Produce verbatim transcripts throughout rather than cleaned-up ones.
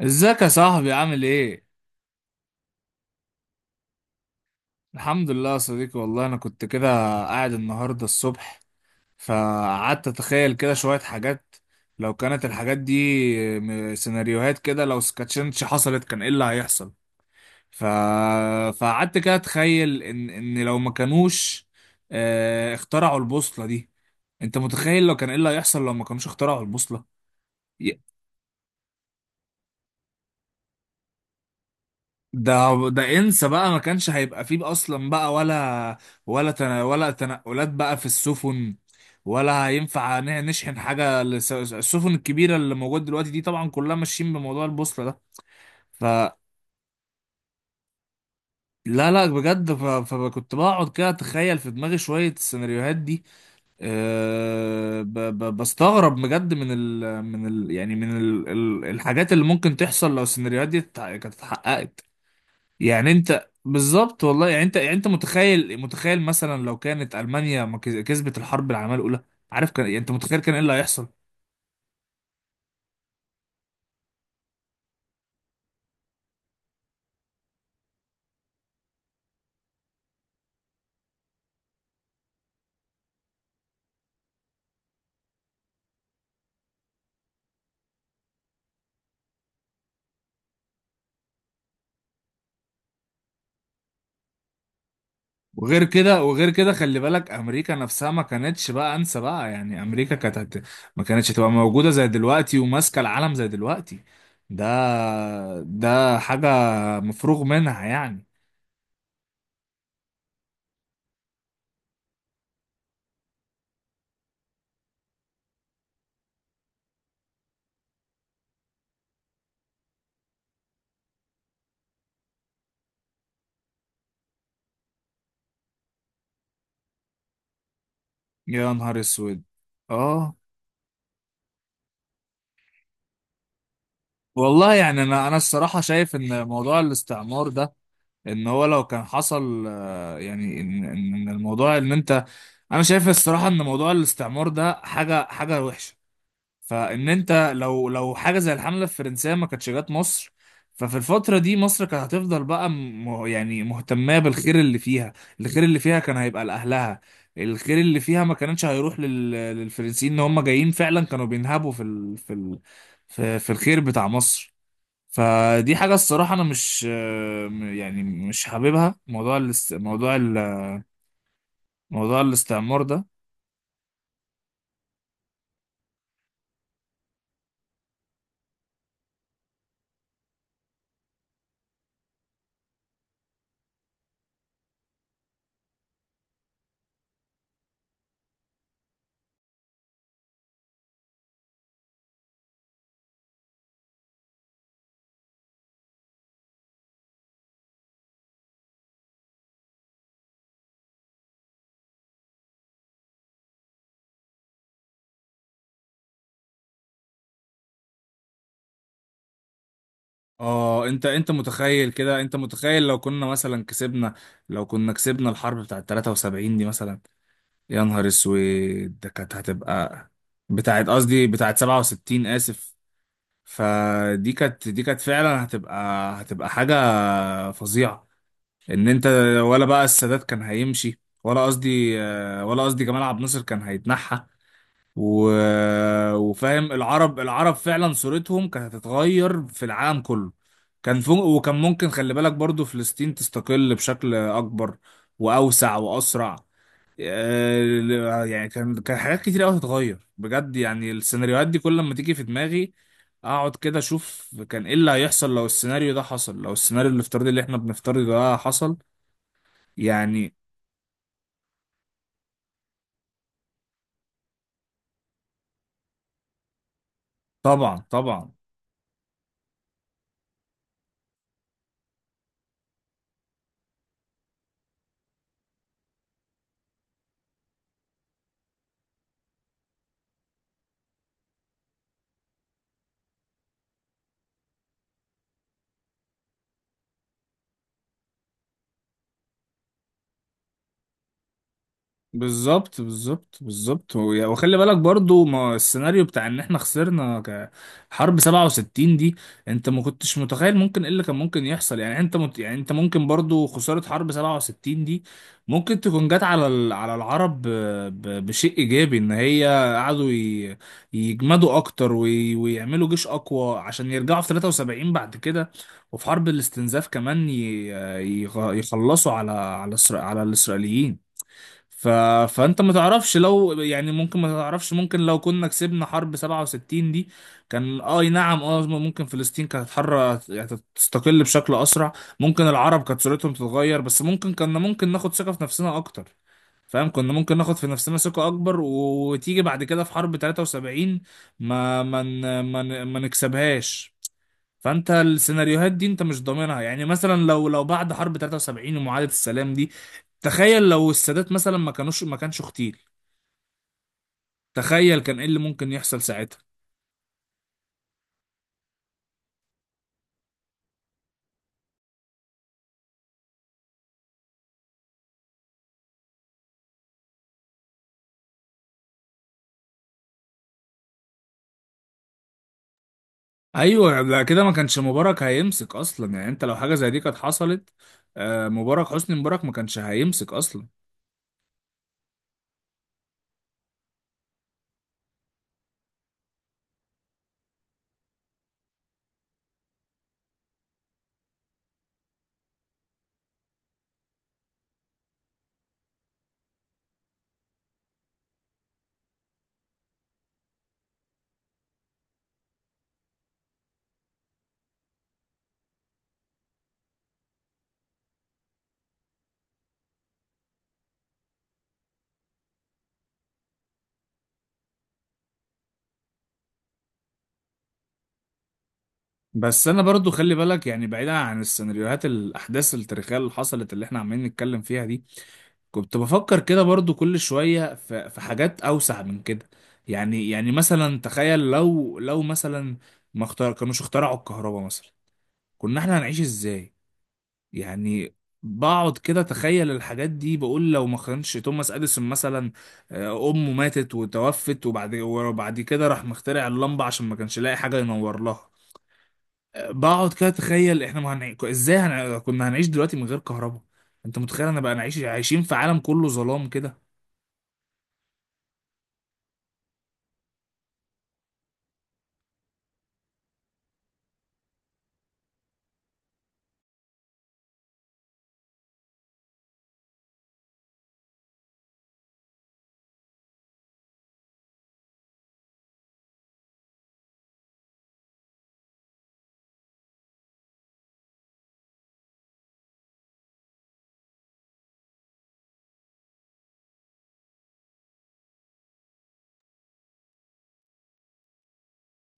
ازيك يا صاحبي؟ عامل ايه؟ الحمد لله يا صديقي. والله انا كنت كده قاعد النهارده الصبح فقعدت اتخيل كده شوية حاجات لو كانت الحاجات دي م- سيناريوهات كده، لو سكاتشنش حصلت كان ايه اللي هيحصل؟ ف... فقعدت كده اتخيل ان ان لو ما كانوش آه، اخترعوا البوصلة دي. انت متخيل لو كان ايه اللي هيحصل لو ما كانوش اخترعوا البوصلة؟ ده ده انسى بقى، ما كانش هيبقى فيه اصلا، بقى ولا ولا تنا ولا تنقلات بقى في السفن، ولا هينفع ن- نشحن حاجه لس- السفن الكبيره اللي موجوده دلوقتي دي، طبعا كلها ماشيين بموضوع البوصله ده. فلا لا لا بجد. ف- فكنت بقعد كده اتخيل في دماغي شويه السيناريوهات دي. أه ب- ب- بستغرب بجد من ال من ال يعني من ال ال- الحاجات اللي ممكن تحصل لو السيناريوهات دي اتح- كانت اتحققت. يعني انت بالظبط، والله يعني انت، يعني انت متخيل، متخيل مثلا لو كانت المانيا ما كز- كسبت الحرب العالميه الاولى؟ عارف، كان يعني انت متخيل كان ايه اللي هيحصل؟ وغير كده، وغير كده، خلي بالك امريكا نفسها ما كانتش، بقى انسى بقى، يعني امريكا كانت هت- ما كانتش هتبقى موجوده زي دلوقتي وماسكه العالم زي دلوقتي. ده ده حاجه مفروغ منها يعني. يا نهار اسود! اه، والله يعني انا انا الصراحه شايف ان موضوع الاستعمار ده، ان هو لو كان حصل، آه، يعني ان ان إن الموضوع ان انت، انا شايف الصراحه ان موضوع الاستعمار ده حاجه حاجه وحشه. فان انت لو لو حاجه زي الحمله الفرنسيه ما كانتش جت مصر، ففي الفترة دي مصر كانت هتفضل بقى م... يعني مهتمة بالخير اللي فيها، الخير اللي فيها كان هيبقى لأهلها، الخير اللي فيها ما كانش هيروح لل... للفرنسيين ان هم جايين فعلا كانوا بينهبوا في ال... في ال... في في الخير بتاع مصر. فدي حاجة الصراحة أنا مش، آه، يعني مش حاببها، موضوع الاست... موضوع ال... موضوع الاستعمار ده. اه انت، انت متخيل كده، انت متخيل لو كنا مثلا كسبنا، لو كنا كسبنا الحرب بتاعه ثلاثة وسبعين دي مثلا؟ يا نهار اسود، ده كانت هتبقى، بتاعه قصدي، بتاعه سبعة وستين، اسف. فدي كانت، دي كانت فعلا هتبقى، هتبقى حاجة فظيعة. ان انت، ولا بقى السادات كان هيمشي، ولا قصدي، آه، ولا قصدي جمال عبد الناصر كان هيتنحى. و... وفاهم العرب، العرب فعلا صورتهم كانت هتتغير في العالم كله، كان فوق، وكان ممكن خلي بالك برضو فلسطين تستقل بشكل أكبر وأوسع وأسرع. آه، يعني كان، كان حاجات كتير قوي هتتغير بجد. يعني السيناريوهات دي كل ما تيجي في دماغي اقعد كده اشوف كان ايه اللي هيحصل لو السيناريو ده حصل، لو السيناريو الافتراضي اللي احنا بنفترضه ده حصل، يعني. طبعا طبعا. بالظبط بالظبط بالظبط. و- وخلي بالك برضو ما السيناريو بتاع ان احنا خسرنا ك- حرب سبعة وستين دي. انت ما كنتش متخيل ممكن ايه اللي كان ممكن يحصل؟ يعني انت مت... يعني انت ممكن برضو خسارة حرب سبعة وستين دي ممكن تكون جت على ال... على العرب ب... ب... بشيء ايجابي، ان هي قعدوا ي... يجمدوا اكتر وي... ويعملوا جيش اقوى عشان يرجعوا في ثلاثة وسبعين بعد كده. وفي حرب الاستنزاف كمان ي... ي... يخلصوا على على الإسرا- على الاسرائيليين. ف... فانت ما تعرفش لو، يعني ممكن ما تعرفش، ممكن لو كنا كسبنا حرب سبعة وستين دي، كان آه، اي نعم، اه ممكن فلسطين كانت حرة يعني، تستقل بشكل اسرع، ممكن العرب كانت صورتهم تتغير، بس ممكن كنا، ممكن ناخد ثقة في نفسنا اكتر، فاهم، كنا ممكن ناخد في نفسنا ثقة اكبر، و- وتيجي بعد كده في حرب تلاتة وسبعين ما ما ن- ما ن- ما نكسبهاش. فانت السيناريوهات دي انت مش ضامنها. يعني مثلا لو لو بعد حرب تلاتة وسبعين ومعاهدة السلام دي، تخيل لو السادات مثلا ما كانوش ما كانش اغتيل، تخيل كان ايه اللي ممكن يحصل ساعتها. ايوه، ده كده ما كانش مبارك هيمسك اصلا. يعني انت لو حاجة زي دي كانت حصلت، آه، مبارك، حسني مبارك ما كانش هيمسك اصلا. بس انا برضو خلي بالك، يعني بعيدا عن السيناريوهات، الاحداث التاريخيه اللي حصلت اللي احنا عمالين نتكلم فيها دي، كنت بفكر كده برضو كل شوية ف- في حاجات أوسع من كده. يعني، يعني مثلا تخيل لو، لو مثلا ما اختار كانوش اخترعوا الكهرباء مثلا، كنا احنا هنعيش ازاي يعني؟ بقعد كده تخيل الحاجات دي، بقول لو ما كانش توماس اديسون مثلا، آه، امه ماتت وتوفت، وبعد وبعد كده راح مخترع اللمبة عشان ما كانش لاقي حاجة ينور لها، آه، بقعد كده اتخيل احنا ما هنعي... ازاي هن... كنا هنعيش دلوقتي من غير كهرباء. انت متخيل انا بقى نعيش، عايشين في عالم كله ظلام كده.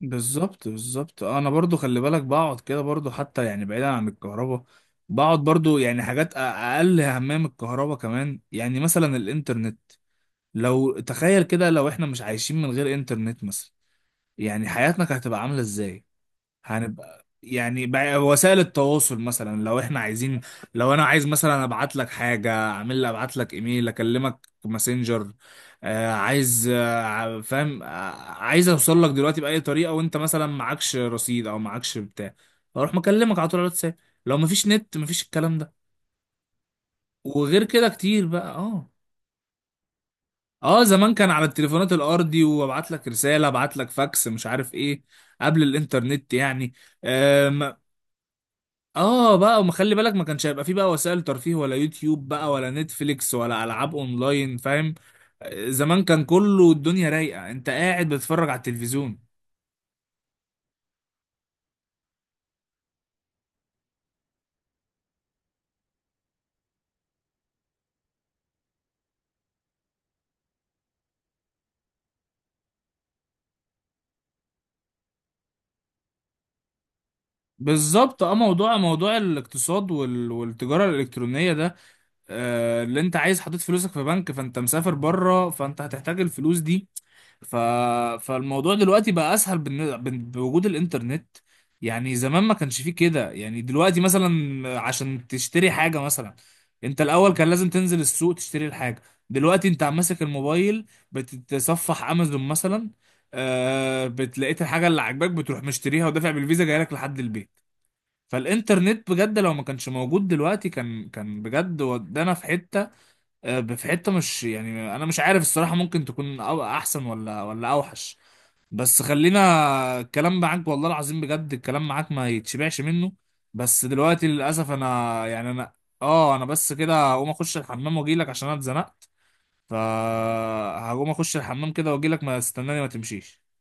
بالظبط بالظبط. آه، انا برضو خلي بالك بقعد كده برضو حتى، يعني بعيدا عن الكهرباء، بقعد برضو يعني حاجات أ- اقل اهميه من الكهرباء كمان، يعني مثلا الانترنت. لو تخيل كده لو احنا مش عايشين من غير انترنت مثلا، يعني حياتنا كانت هتبقى عامله ازاي؟ هنبقى يعني بقى- وسائل التواصل مثلا لو احنا عايزين، لو انا عايز مثلا ابعت لك حاجه، اعمل لي، ابعت لك ايميل، اكلمك ماسنجر، آه عايز، آه ع- فاهم، آه عايز اوصل لك دلوقتي باي طريقه وانت مثلا معكش رصيد او معكش بتاع، اروح مكلمك على طول على الواتساب. لو مفيش نت مفيش الكلام ده. وغير كده كتير بقى، اه. اه، زمان كان على التليفونات الارضي، وابعت لك رساله، ابعت لك فاكس، مش عارف ايه، قبل الانترنت يعني. اه بقى، وما خلي بالك ما كانش هيبقى فيه بقى وسائل ترفيه، ولا يوتيوب بقى، ولا نتفليكس، ولا العاب اونلاين، فاهم. زمان كان كله الدنيا رايقه، انت قاعد بتتفرج على التلفزيون. بالظبط. اه، موضوع موضوع الاقتصاد وال... والتجاره الالكترونيه ده، آه اللي انت عايز حاطط فلوسك في بنك فانت مسافر بره فانت هتحتاج الفلوس دي، ف... فالموضوع دلوقتي بقى اسهل بالن... بن- بوجود الانترنت. يعني زمان ما كانش فيه كده. يعني دلوقتي مثلا عشان تشتري حاجة مثلا، انت الاول كان لازم تنزل السوق تشتري الحاجة، دلوقتي انت عم ماسك الموبايل، بتتصفح امازون مثلا، آه بتلاقيت الحاجة اللي عاجباك بتروح مشتريها ودافع بالفيزا جايلك لحد البيت. فالانترنت بجد لو ما كانش موجود دلوقتي كان، كان بجد ودانا في حتة، آه، في حتة، مش يعني انا مش عارف الصراحة ممكن تكون أو- احسن ولا ولا اوحش. بس خلينا، الكلام معاك والله العظيم بجد الكلام معاك ما يتشبعش منه، بس دلوقتي للاسف انا يعني انا، اه انا بس كده هقوم اخش الحمام واجيلك عشان انا اتزنقت. فهقوم اخش الحمام كده واجيلك، ما استناني، ما تمشيش.